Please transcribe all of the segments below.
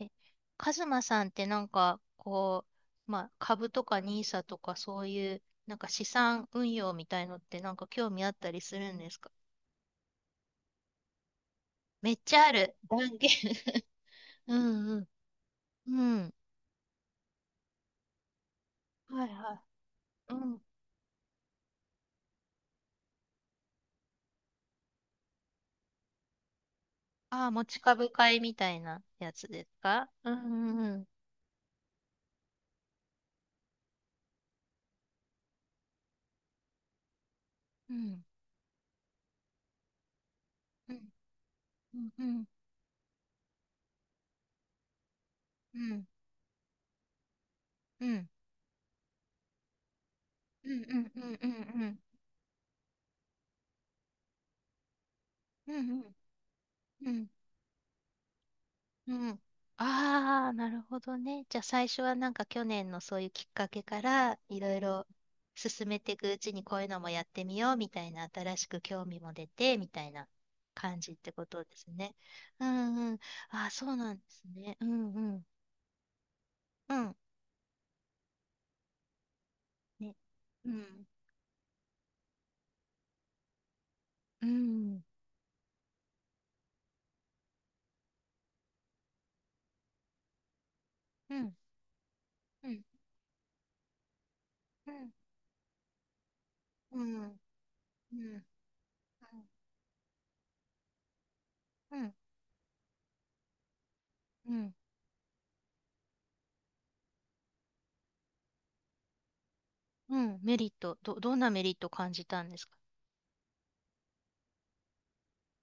え、カズマさんって株とか NISA とかそういう、なんか資産運用みたいのって興味あったりするんですか？めっちゃある。断言。うんうん。うん。はいはい。うん。ああ、持ち株買いみたいなやつですか？うんうんうん。うんうんうんうんうんうんうんうんうんうんうんうんうん。ああ、なるほどね。じゃあ最初はなんか去年のそういうきっかけからいろいろ進めていくうちにこういうのもやってみようみたいな、新しく興味も出てみたいな感じってことですね。うんうん。ああ、そうなんですね。うんうんね。うんうんうんうんうんうんうんうんうんうんメリット、どんなメリット感じたんですか？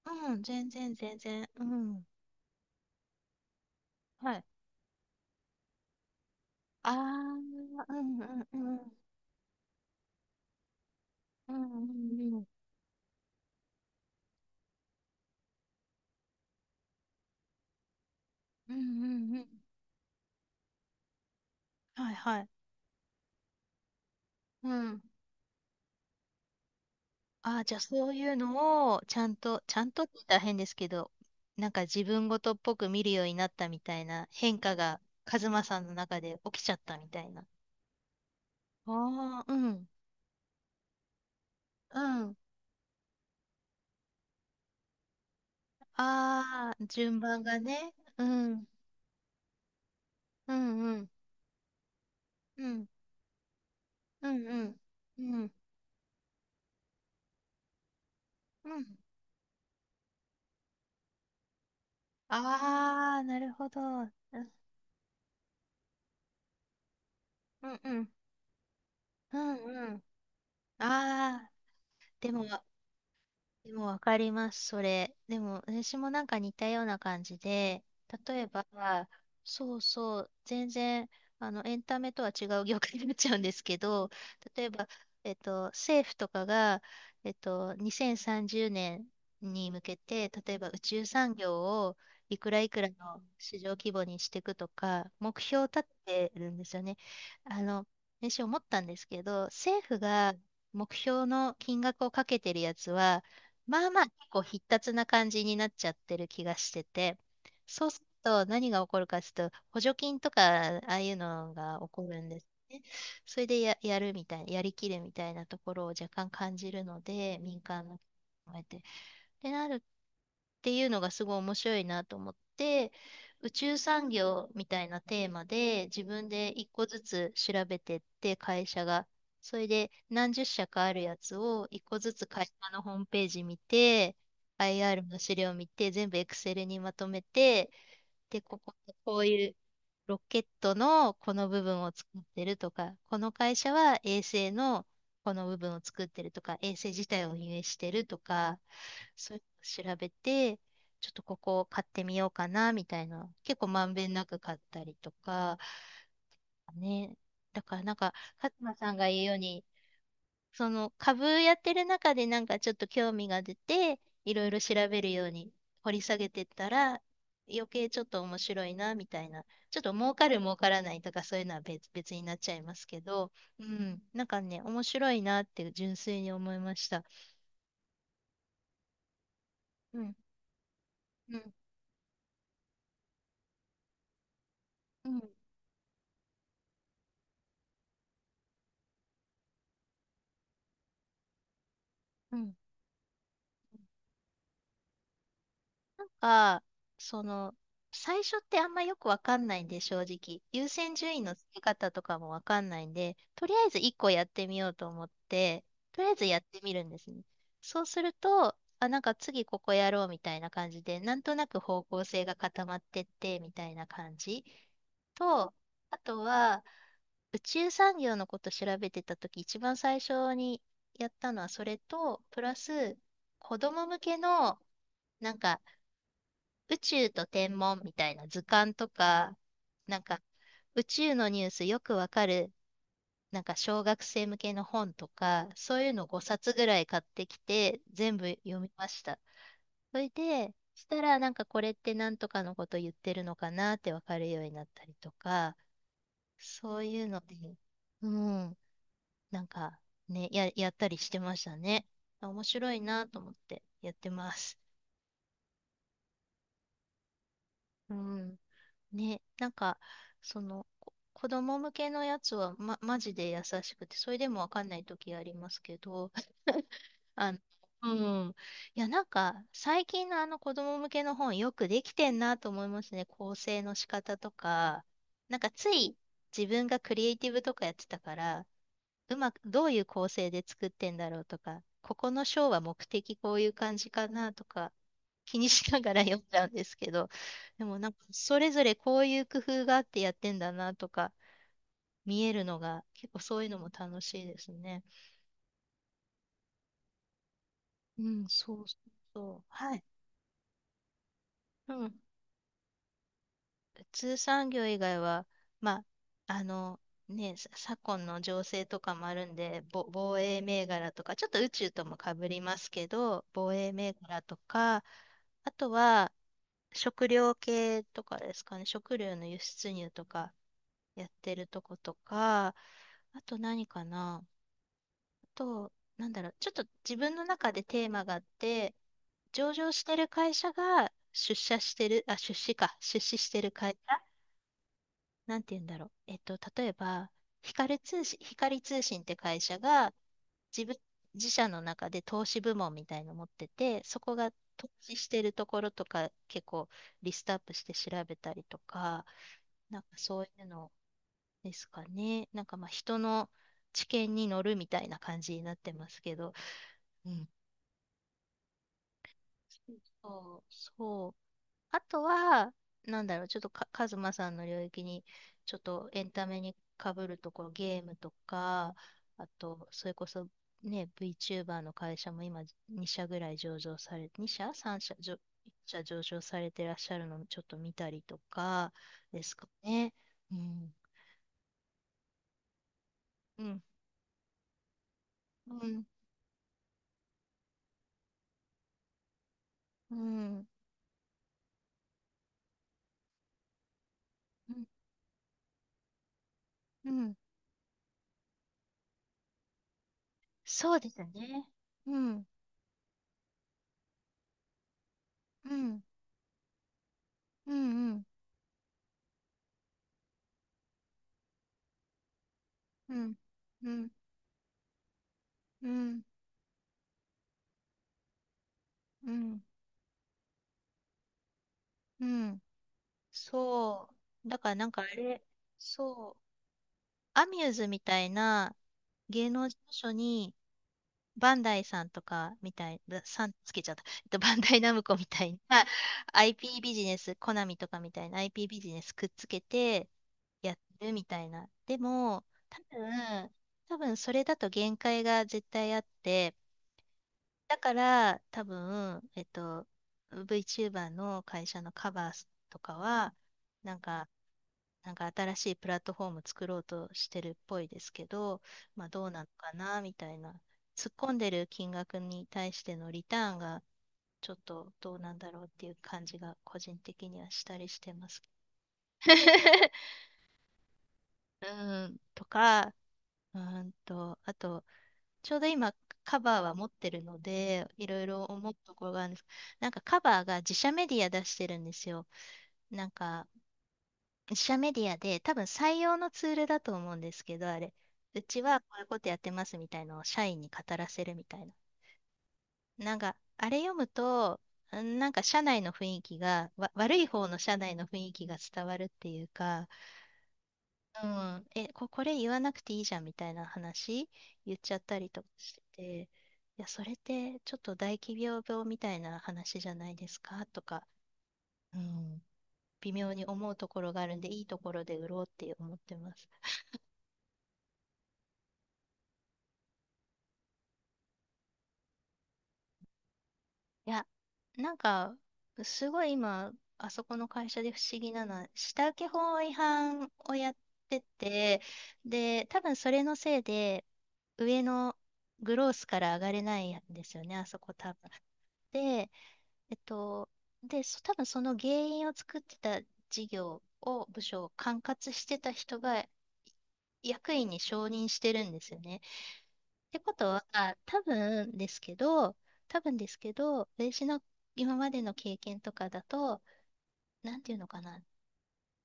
うん全然全然。うんはいああ、うんうんうん。うんうんうん。うんうんうん。はいはい。うん。ああ、じゃあそういうのをちゃんと、ちゃんとって言ったら変ですけど、なんか自分ごとっぽく見るようになったみたいな変化がカズマさんの中で起きちゃったみたいな。ああ、うん。うん。ああ、順番がね。うん。うんうん。うん。うんうん。うん。うん。ああ、なるほど。うんうん。うんうん。ああ、でも、でもわかります、それ。でも、私もなんか似たような感じで、例えば、そうそう、全然、あの、エンタメとは違う業界になっちゃうんですけど、例えば、えっと、政府とかが、2030年に向けて、例えば宇宙産業をいくらいくらの市場規模にしていくとか、目標を立ててるんですよね。あの、私思ったんですけど、政府が目標の金額をかけてるやつは、まあまあ結構必達な感じになっちゃってる気がしてて、そうすると何が起こるかというと、補助金とかああいうのが起こるんですね。それでやるみたいな、やりきるみたいなところを若干感じるので、民間のこうやって。ってなるていうのがすごい面白いなと思って、宇宙産業みたいなテーマで自分で一個ずつ調べてって、会社が、それで何十社かあるやつを一個ずつ会社のホームページ見て、IR の資料見て、全部 Excel にまとめて、で、ここ、こういうロケットのこの部分を作ってるとか、この会社は衛星のこの部分を作ってるとか、衛星自体を運営してるとか、そういうのを調べて、ちょっとここを買ってみようかなみたいな。結構まんべんなく買ったりとか、ね。だからなんか勝間さんが言うように、その株やってる中でなんかちょっと興味が出て、いろいろ調べるように掘り下げてったら、余計ちょっと面白いなみたいな。ちょっと儲かる儲からないとかそういうのは別になっちゃいますけど、うん、なんかね、面白いなって純粋に思いました。うん、うん、うん、うん。なんか、その、最初ってあんまよくわかんないんで、正直。優先順位の付け方とかもわかんないんで、とりあえず一個やってみようと思って、とりあえずやってみるんですね。そうすると、あ、なんか次ここやろうみたいな感じで、なんとなく方向性が固まってってみたいな感じ。と、あとは、宇宙産業のこと調べてたとき、一番最初にやったのはそれと、プラス、子供向けの、なんか、宇宙と天文みたいな図鑑とか、なんか宇宙のニュースよくわかる、なんか小学生向けの本とか、そういうの5冊ぐらい買ってきて、全部読みました。それでしたらなんかこれってなんとかのこと言ってるのかなってわかるようになったりとか、そういうので、うん、なんかね、やったりしてましたね。面白いなと思ってやってます。うん。ね、子供向けのやつは、ま、マジで優しくて、それでもわかんない時ありますけど、あの、うん。いや、なんか、最近のあの子供向けの本、よくできてんなと思いますね。構成の仕方とか。なんか、つい自分がクリエイティブとかやってたから、うまく、どういう構成で作ってんだろうとか、ここの章は目的こういう感じかなとか、気にしながら読んじゃうんですけど、でもなんかそれぞれこういう工夫があってやってんだなとか見えるのが、結構そういうのも楽しいですね。うん、そうそうそう。はい。うん。普通産業以外は、まあ、あの、ね、昨今の情勢とかもあるんで、防衛銘柄とか、ちょっと宇宙ともかぶりますけど、防衛銘柄とか、あとは、食料系とかですかね。食料の輸出入とかやってるとことか、あと何かな。あと、なんだろう。ちょっと自分の中でテーマがあって、上場してる会社が出社してる、あ、出資か。出資してる会社。なんて言うんだろう。えっと、例えば、光通信って会社が、自分、自社の中で投資部門みたいの持ってて、そこが投資してるところとか結構リストアップして調べたりとか、なんかそういうのですかね。なんかまあ人の知見に乗るみたいな感じになってますけど、うん。そう、そう。あとは、なんだろう、ちょっとか、カズマさんの領域に、ちょっとエンタメにかぶるところ、ゲームとか、あと、それこそ、ね、VTuber の会社も今、2社ぐらい上場され、2社？ 3 社、1社上場されてらっしゃるのをちょっと見たりとか、ですかね。うん、うん、うん、うん、うん、うん、そうですね。うん、うん、うん、うん、うん、うん、うん、うん、うん。そう。だからなんかあれ、そう、アミューズみたいな芸能事務所に、バンダイさんとかみたい、ぶさんつけちゃった。えっと、バンダイナムコみたいなIP ビジネス、コナミとかみたいな IP ビジネスくっつけてやってるみたいな。でも、多分、多分それだと限界が絶対あって、だから、多分、えっと、VTuber の会社のカバーとかは、なんか、なんか新しいプラットフォーム作ろうとしてるっぽいですけど、まあどうなのかなみたいな。突っ込んでる金額に対してのリターンがちょっとどうなんだろうっていう感じが、個人的にはしたりしてます。うん、とか、うーんと、あとちょうど今、カバーは持ってるので、いろいろ思うところがあるんです。なんかカバーが自社メディア出してるんですよ。なんか自社メディアで、多分採用のツールだと思うんですけど、あれ。うちはこういうことやってますみたいのを社員に語らせるみたいな。なんか、あれ読むと、なんか社内の雰囲気が、悪い方の社内の雰囲気が伝わるっていうか、うん、これ言わなくていいじゃんみたいな話言っちゃったりとかしてて、いや、それってちょっと大企業病みたいな話じゃないですかとか、うん、微妙に思うところがあるんで、いいところで売ろうって思ってます。いや、なんか、すごい今、あそこの会社で不思議なのは、下請け法違反をやってて、で、多分それのせいで、上のグロースから上がれないんですよね、あそこ多分。でえっと、で、そ多分その原因を作ってた事業を、部署を管轄してた人が役員に承認してるんですよね。ってことは、多分ですけど、多分ですけど、私の今までの経験とかだと、なんていうのかな、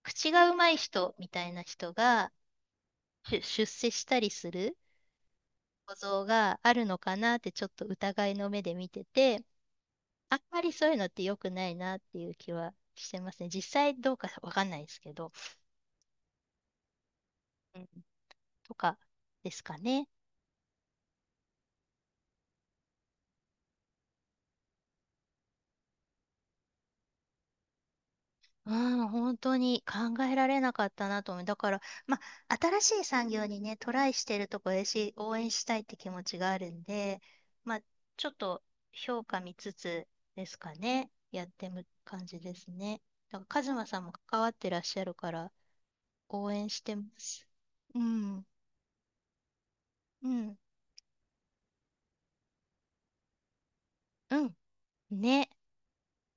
口がうまい人みたいな人が出世したりする構造があるのかなって、ちょっと疑いの目で見てて、あんまりそういうのって良くないなっていう気はしてますね。実際どうかわかんないですけど、うん、とかですかね。うん、本当に考えられなかったなと思う。だから、まあ、新しい産業にね、トライしてるとこだし、応援したいって気持ちがあるんで、まあ、ちょっと評価見つつですかね。やってむ感じですね。だから、カズマさんも関わってらっしゃるから、応援してます。うん、うん、うん。ね。